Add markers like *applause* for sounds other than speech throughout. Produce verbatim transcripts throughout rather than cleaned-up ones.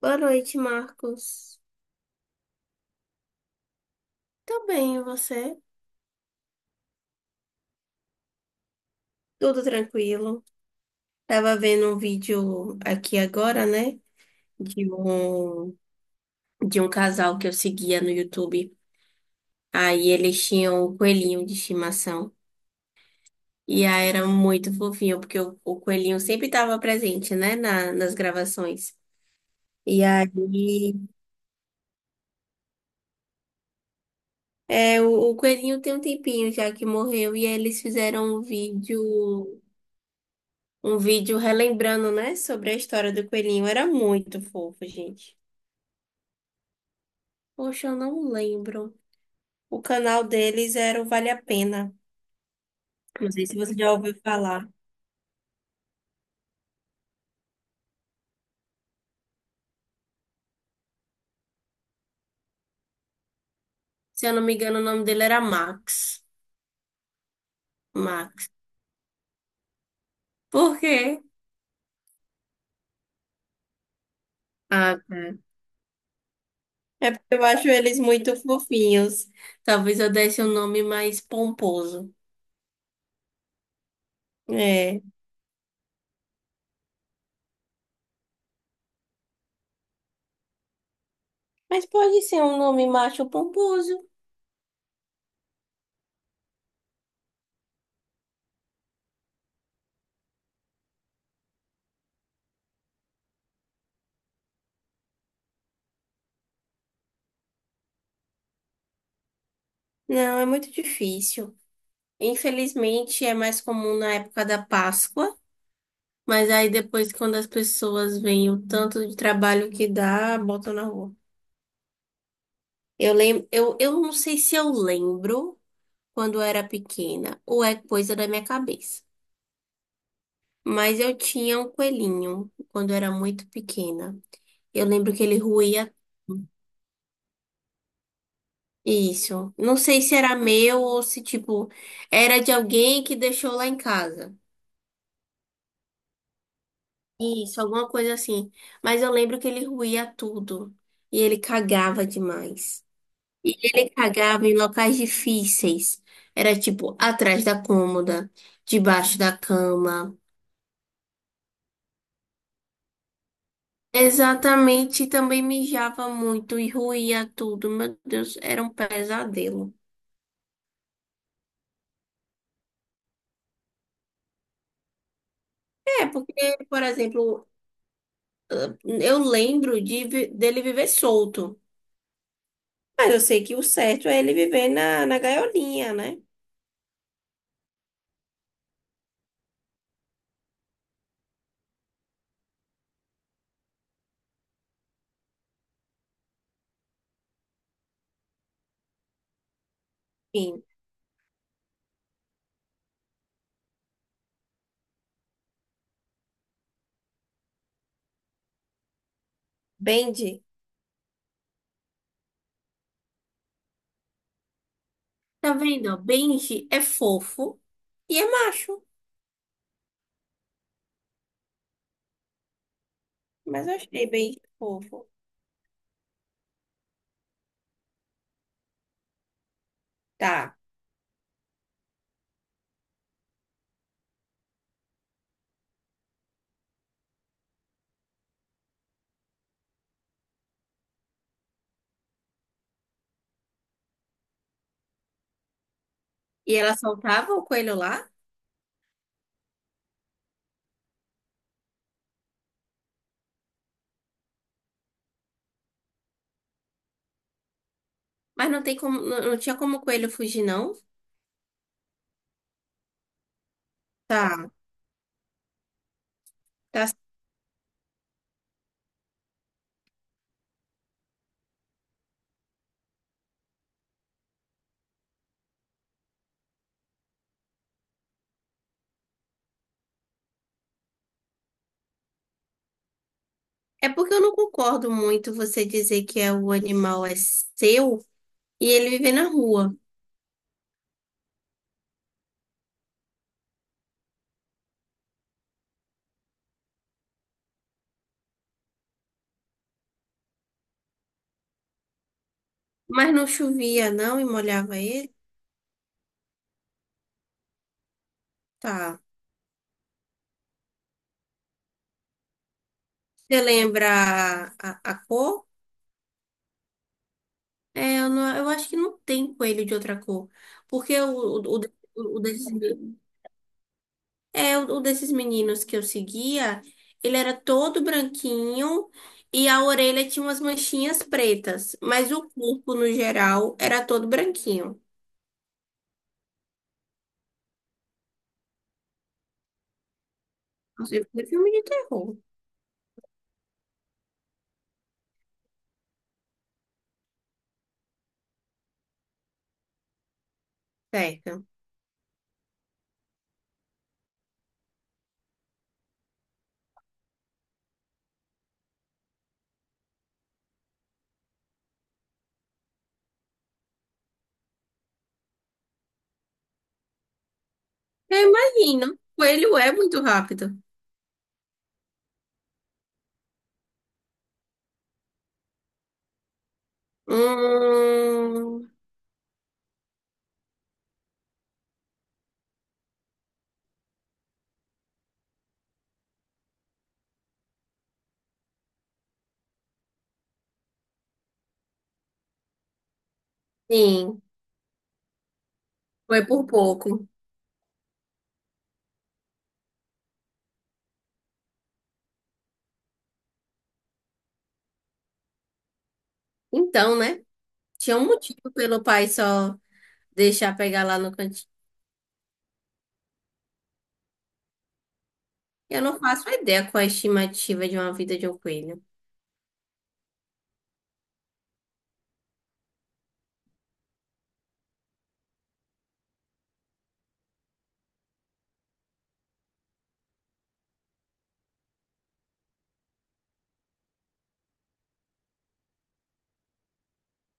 Boa noite, Marcos. Tô bem, e você? Tudo tranquilo. Tava vendo um vídeo aqui agora, né? De um, de um casal que eu seguia no YouTube. Aí eles tinham o coelhinho de estimação. E aí era muito fofinho, porque o, o coelhinho sempre estava presente, né? Na, nas gravações. E aí, é, o, o coelhinho tem um tempinho já que morreu. E aí eles fizeram um vídeo. um vídeo relembrando, né, sobre a história do coelhinho. Era muito fofo, gente. Poxa, eu não lembro. O canal deles era o Vale a Pena. Não sei se você já ouviu falar. Se eu não me engano, o nome dele era Max. Max. Por quê? Ah, tá. É porque eu acho eles muito fofinhos. Talvez eu desse um nome mais pomposo. É. Mas pode ser um nome macho pomposo. Não, é muito difícil. Infelizmente, é mais comum na época da Páscoa. Mas aí depois, quando as pessoas veem o tanto de trabalho que dá, botam na rua. Eu lembro, eu, eu não sei se eu lembro quando eu era pequena, ou é coisa da minha cabeça. Mas eu tinha um coelhinho quando eu era muito pequena. Eu lembro que ele ruía isso. Não sei se era meu ou se, tipo, era de alguém que deixou lá em casa. Isso, alguma coisa assim. Mas eu lembro que ele ruía tudo. E ele cagava demais. E ele cagava em locais difíceis. Era tipo atrás da cômoda, debaixo da cama. Exatamente, e também mijava muito e ruía tudo. Meu Deus, era um pesadelo. É, porque, por exemplo, eu lembro de, vi- dele viver solto. Mas eu sei que o certo é ele viver na, na gaiolinha, né? Enfim, Benji. Tá vendo? Ó? Benji é fofo e é macho. Mas eu achei Benji fofo. Tá. E ela soltava o coelho lá? Mas não tem como, não, não tinha como o coelho fugir, não? Tá, tá. É porque eu não concordo muito você dizer que é, o animal é seu e ele vive na rua. Mas não chovia, não, e molhava ele? Tá. Você lembra a, a, a cor? É, eu, não- eu acho que não tem coelho de outra cor. Porque o, o, o, o, É, um desses meninos que eu seguia, ele era todo branquinho e a orelha tinha umas manchinhas pretas, mas o corpo, no geral, era todo branquinho. Inclusive, foi filme de terror, certo? Eu imagino, o coelho é muito rápido. Hum, sim, foi por pouco. Então, né? Tinha um motivo pelo pai só deixar pegar lá no cantinho. Eu não faço ideia qual é a estimativa de uma vida de um coelho.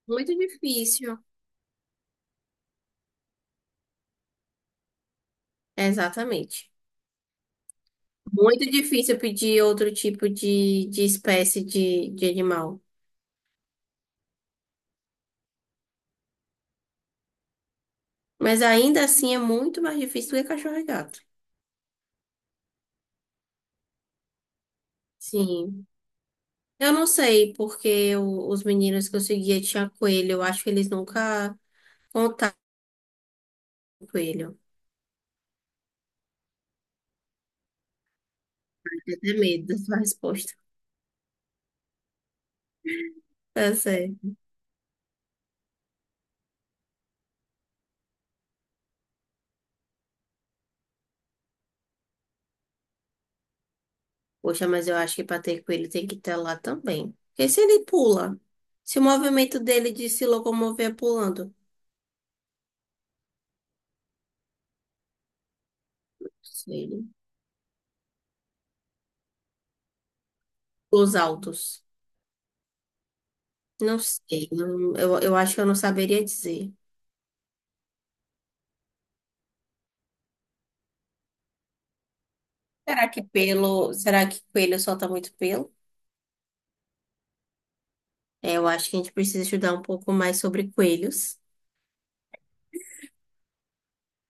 Muito difícil. Exatamente. Muito difícil pedir outro tipo de, de espécie de, de animal. Mas ainda assim é muito mais difícil do que cachorro e gato. Sim. Eu não sei, porque o- os meninos que eu seguia tinha coelho. Eu acho que eles nunca contaram com coelho. Eu tenho medo da sua resposta. É. Poxa, mas eu acho que para ter coelho tem que estar lá também. Porque se ele pula, se o movimento dele de se locomover é pulando, sei. Né? Os altos. Não sei. não- eu, eu acho que eu não saberia dizer. Será que pelo. Será que coelho solta muito pelo? É, eu acho que a gente precisa estudar um pouco mais sobre coelhos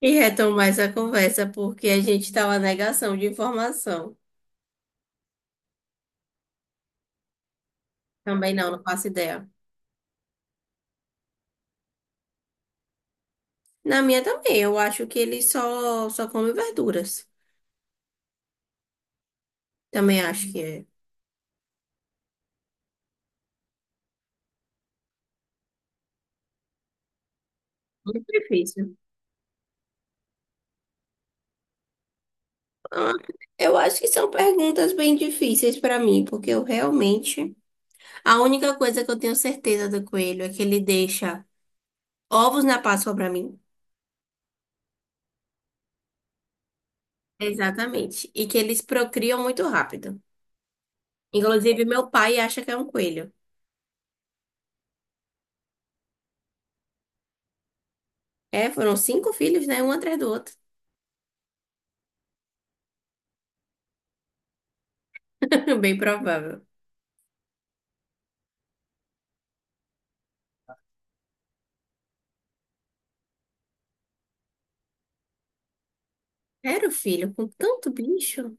e retomar essa conversa, porque a gente está na negação de informação. Também não, não faço ideia. Na minha também, eu acho que ele só, só come verduras. Também acho que é. Muito difícil. Ah, eu acho que são perguntas bem difíceis para mim, porque eu realmente. A única coisa que eu tenho certeza do coelho é que ele deixa ovos na Páscoa para mim. Exatamente. E que eles procriam muito rápido. Inclusive, meu pai acha que é um coelho. É, foram cinco filhos, né? Um atrás do outro. *laughs* Bem provável. Era o filho, com tanto bicho.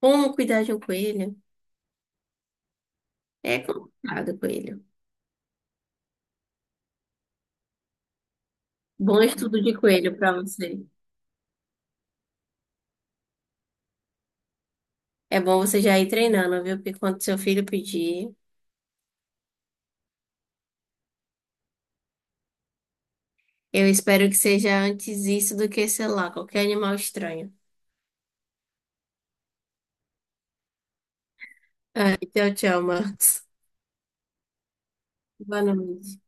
Como cuidar de um coelho? É complicado, coelho. Bom estudo de coelho para você. É bom você já ir treinando, viu? Porque quando seu filho pedir, eu espero que seja antes isso do que, sei lá, qualquer animal estranho. Tchau, tchau, Marcos. Boa noite.